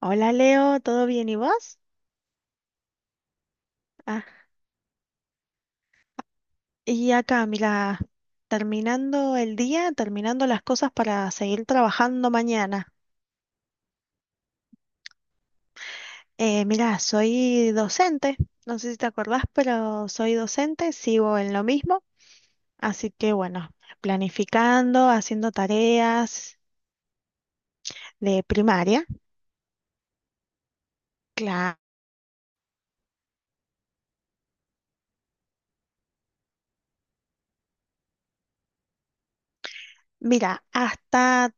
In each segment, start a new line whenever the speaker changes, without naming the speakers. Hola Leo, ¿todo bien y vos? Ah, y acá, mira, terminando el día, terminando las cosas para seguir trabajando mañana. Mira, soy docente, no sé si te acordás, pero soy docente, sigo en lo mismo, así que bueno, planificando, haciendo tareas de primaria. Claro, mira, hasta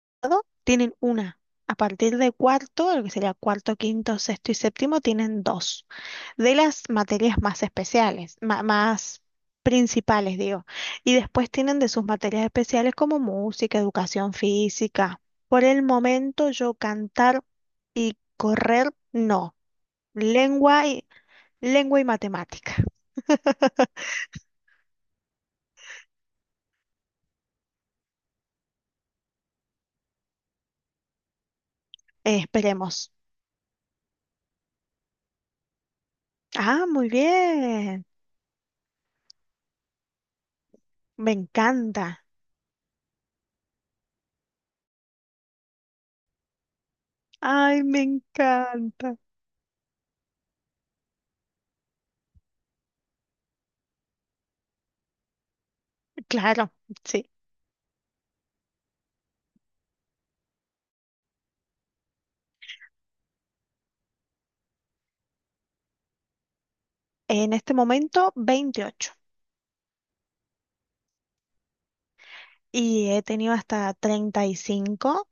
todo tienen una. A partir de cuarto, lo que sería cuarto, quinto, sexto y séptimo, tienen dos. De las materias más especiales, más principales, digo. Y después tienen de sus materias especiales como música, educación física. Por el momento yo cantar y correr, no. Lengua y, lengua y matemática. Esperemos. Ah, muy bien. Me encanta. Ay, me encanta. Claro, sí. En este momento, 28. Y he tenido hasta 35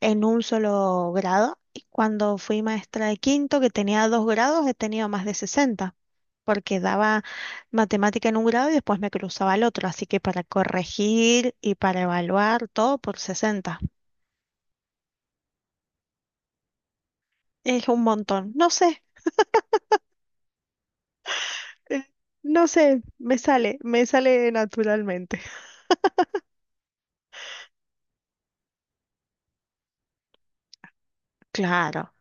en un solo grado. Y cuando fui maestra de quinto, que tenía dos grados, he tenido más de 60, porque daba matemática en un grado y después me cruzaba al otro. Así que para corregir y para evaluar, todo por 60. Es un montón. No sé, eh, no sé, me sale naturalmente. Claro,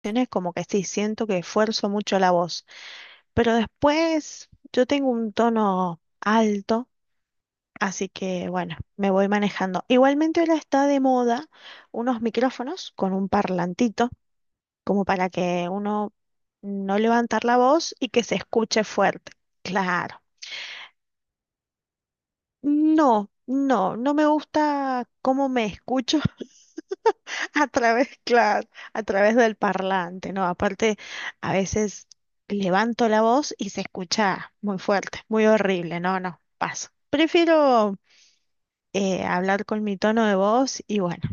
tienes como que sí, siento que esfuerzo mucho la voz, pero después yo tengo un tono alto. Así que bueno, me voy manejando. Igualmente ahora está de moda unos micrófonos con un parlantito, como para que uno no levantar la voz y que se escuche fuerte. Claro. No, no, no me gusta cómo me escucho. A través, claro, a través del parlante, ¿no? Aparte, a veces levanto la voz y se escucha muy fuerte, muy horrible. No, no, paso. Prefiero hablar con mi tono de voz y bueno.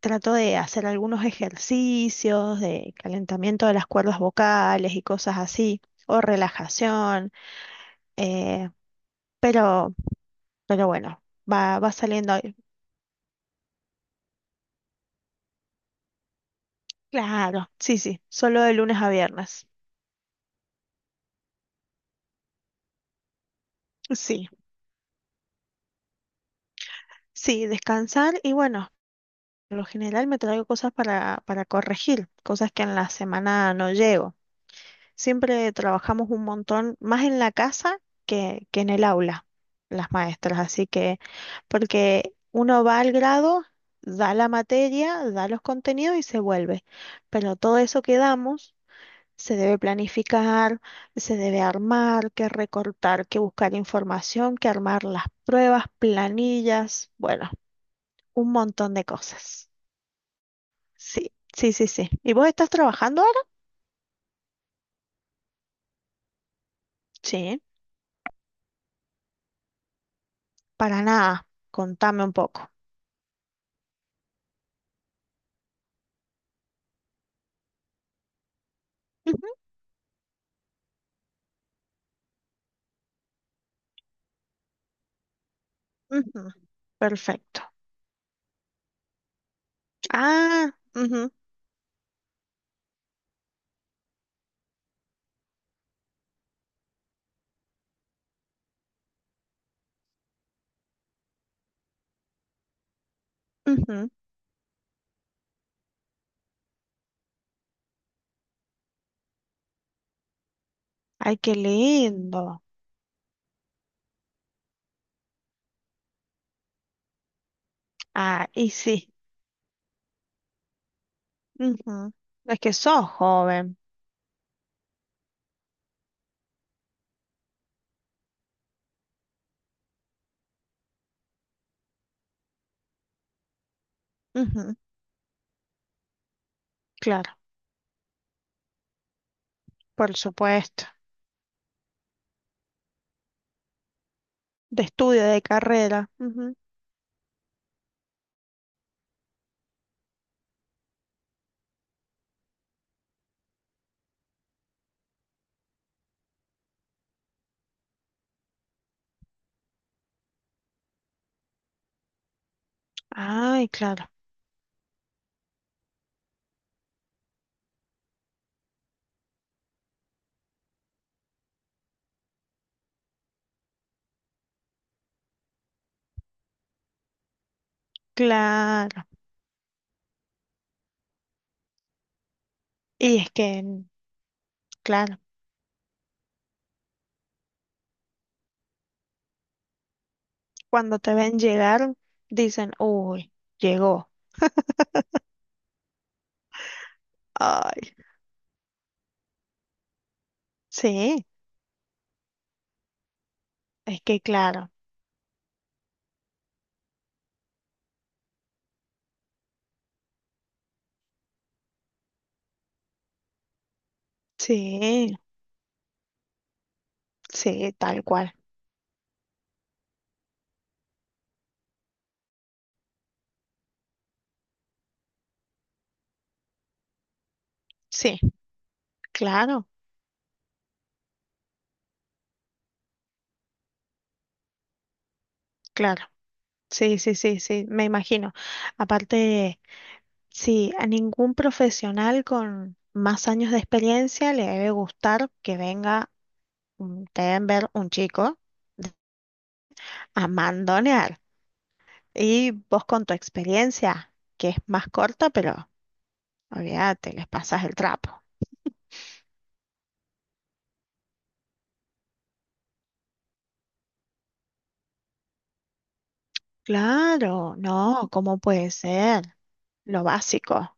Trato de hacer algunos ejercicios de calentamiento de las cuerdas vocales y cosas así, o relajación, eh, pero, pero bueno, va, va saliendo ahí. Claro, sí, sí, solo de lunes a viernes. Sí, sí, descansar y bueno, por lo general me traigo cosas para corregir, cosas que en la semana no llego. Siempre trabajamos un montón, más en la casa que en el aula, las maestras. Así que, porque uno va al grado, da la materia, da los contenidos y se vuelve. Pero todo eso que damos se debe planificar, se debe armar, que recortar, que buscar información, que armar las pruebas, planillas, bueno, un montón de cosas. Sí, sí, sí, sí. ¿Y vos estás trabajando ahora? Sí, para nada. Contame un poco. Ujú, perfecto. Ah, ujú, ujú. Ay, qué lindo. Ah, y sí. Ujú. Es que sos joven. Ujú, claro, por supuesto. De estudio, de carrera. Ujú. Ay, claro, claro. Y es que, claro, cuando te ven llegar, dicen, uy, llegó. Ay, sí, es que claro. Sí, sí, tal cual. Sí, claro, claro. Sí, sí, sí, sí, me imagino. Aparte, sí, a ningún profesional con más años de experiencia le debe gustar que venga un deben ver un chico, a mandonear. Y vos con tu experiencia, que es más corta, pero olvídate, les pasas el trapo. Claro, no, ¿cómo puede ser? Lo básico.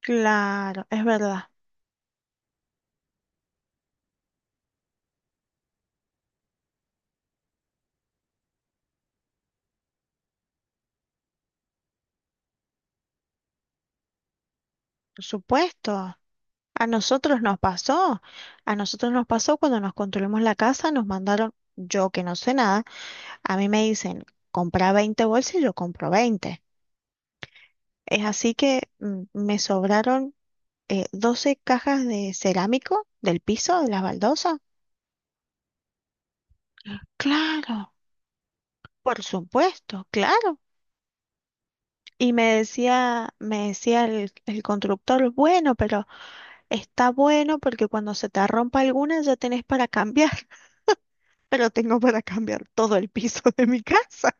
Claro, es verdad. Por supuesto. A nosotros nos pasó, a nosotros nos pasó cuando nos construimos la casa, nos mandaron, yo que no sé nada, a mí me dicen, compra 20 bolsas y yo compro 20. Es así que me sobraron 12 cajas de cerámico del piso, de las baldosas. Claro, por supuesto, claro. Me decía el constructor, bueno, pero está bueno porque cuando se te rompa alguna ya tenés para cambiar, pero tengo para cambiar todo el piso de mi casa.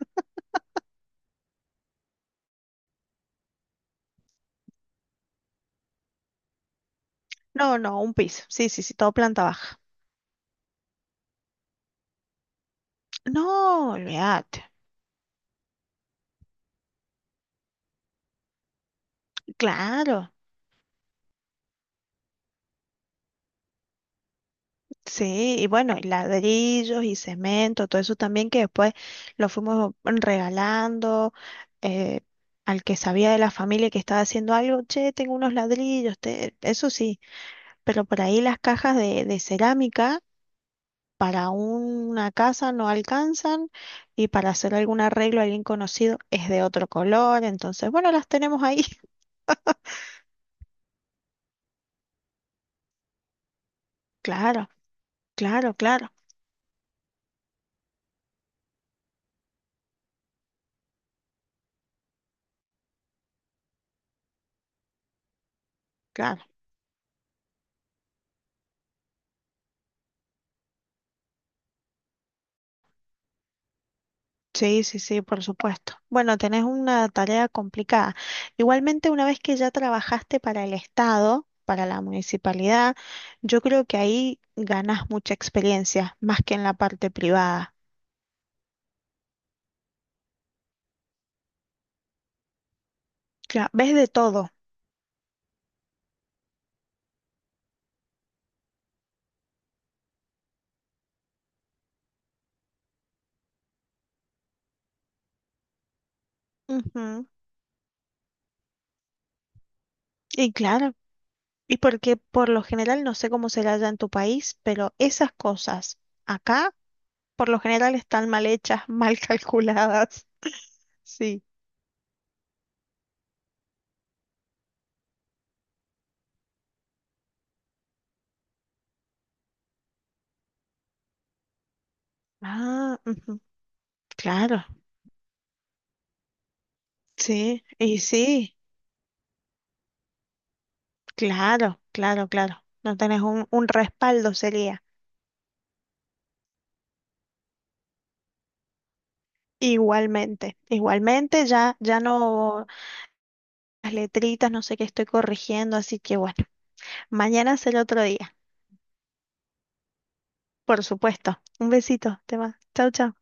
No, no, un piso. Sí, sí, sí, todo planta baja. No, olvídate. Claro. Sí, y bueno, y ladrillos y cemento, todo eso también que después lo fuimos regalando eh, al que sabía de la familia que estaba haciendo algo, che, tengo unos ladrillos, te-". Eso sí, pero por ahí las cajas de cerámica para una casa no alcanzan y para hacer algún arreglo a alguien conocido es de otro color, entonces, bueno, las tenemos ahí. Claro, claro, claro. Claro, sí, sí, sí, por supuesto. Bueno, tenés una tarea complicada. Igualmente, una vez que ya trabajaste para el Estado, para la municipalidad, yo creo que ahí ganás mucha experiencia, más que en la parte privada. Claro, ves de todo. Ujú. Y claro, y porque por lo general, no sé cómo será allá en tu país, pero esas cosas acá, por lo general, están mal hechas, mal calculadas. Sí. Ah, ujú. Claro, sí, y sí. Claro, claro, claro. No tenés un respaldo, sería. Igualmente, igualmente, ya, ya no, las letritas, no sé qué estoy corrigiendo, así que bueno, mañana será otro día. Por supuesto. Un besito, te va. Chau, chau.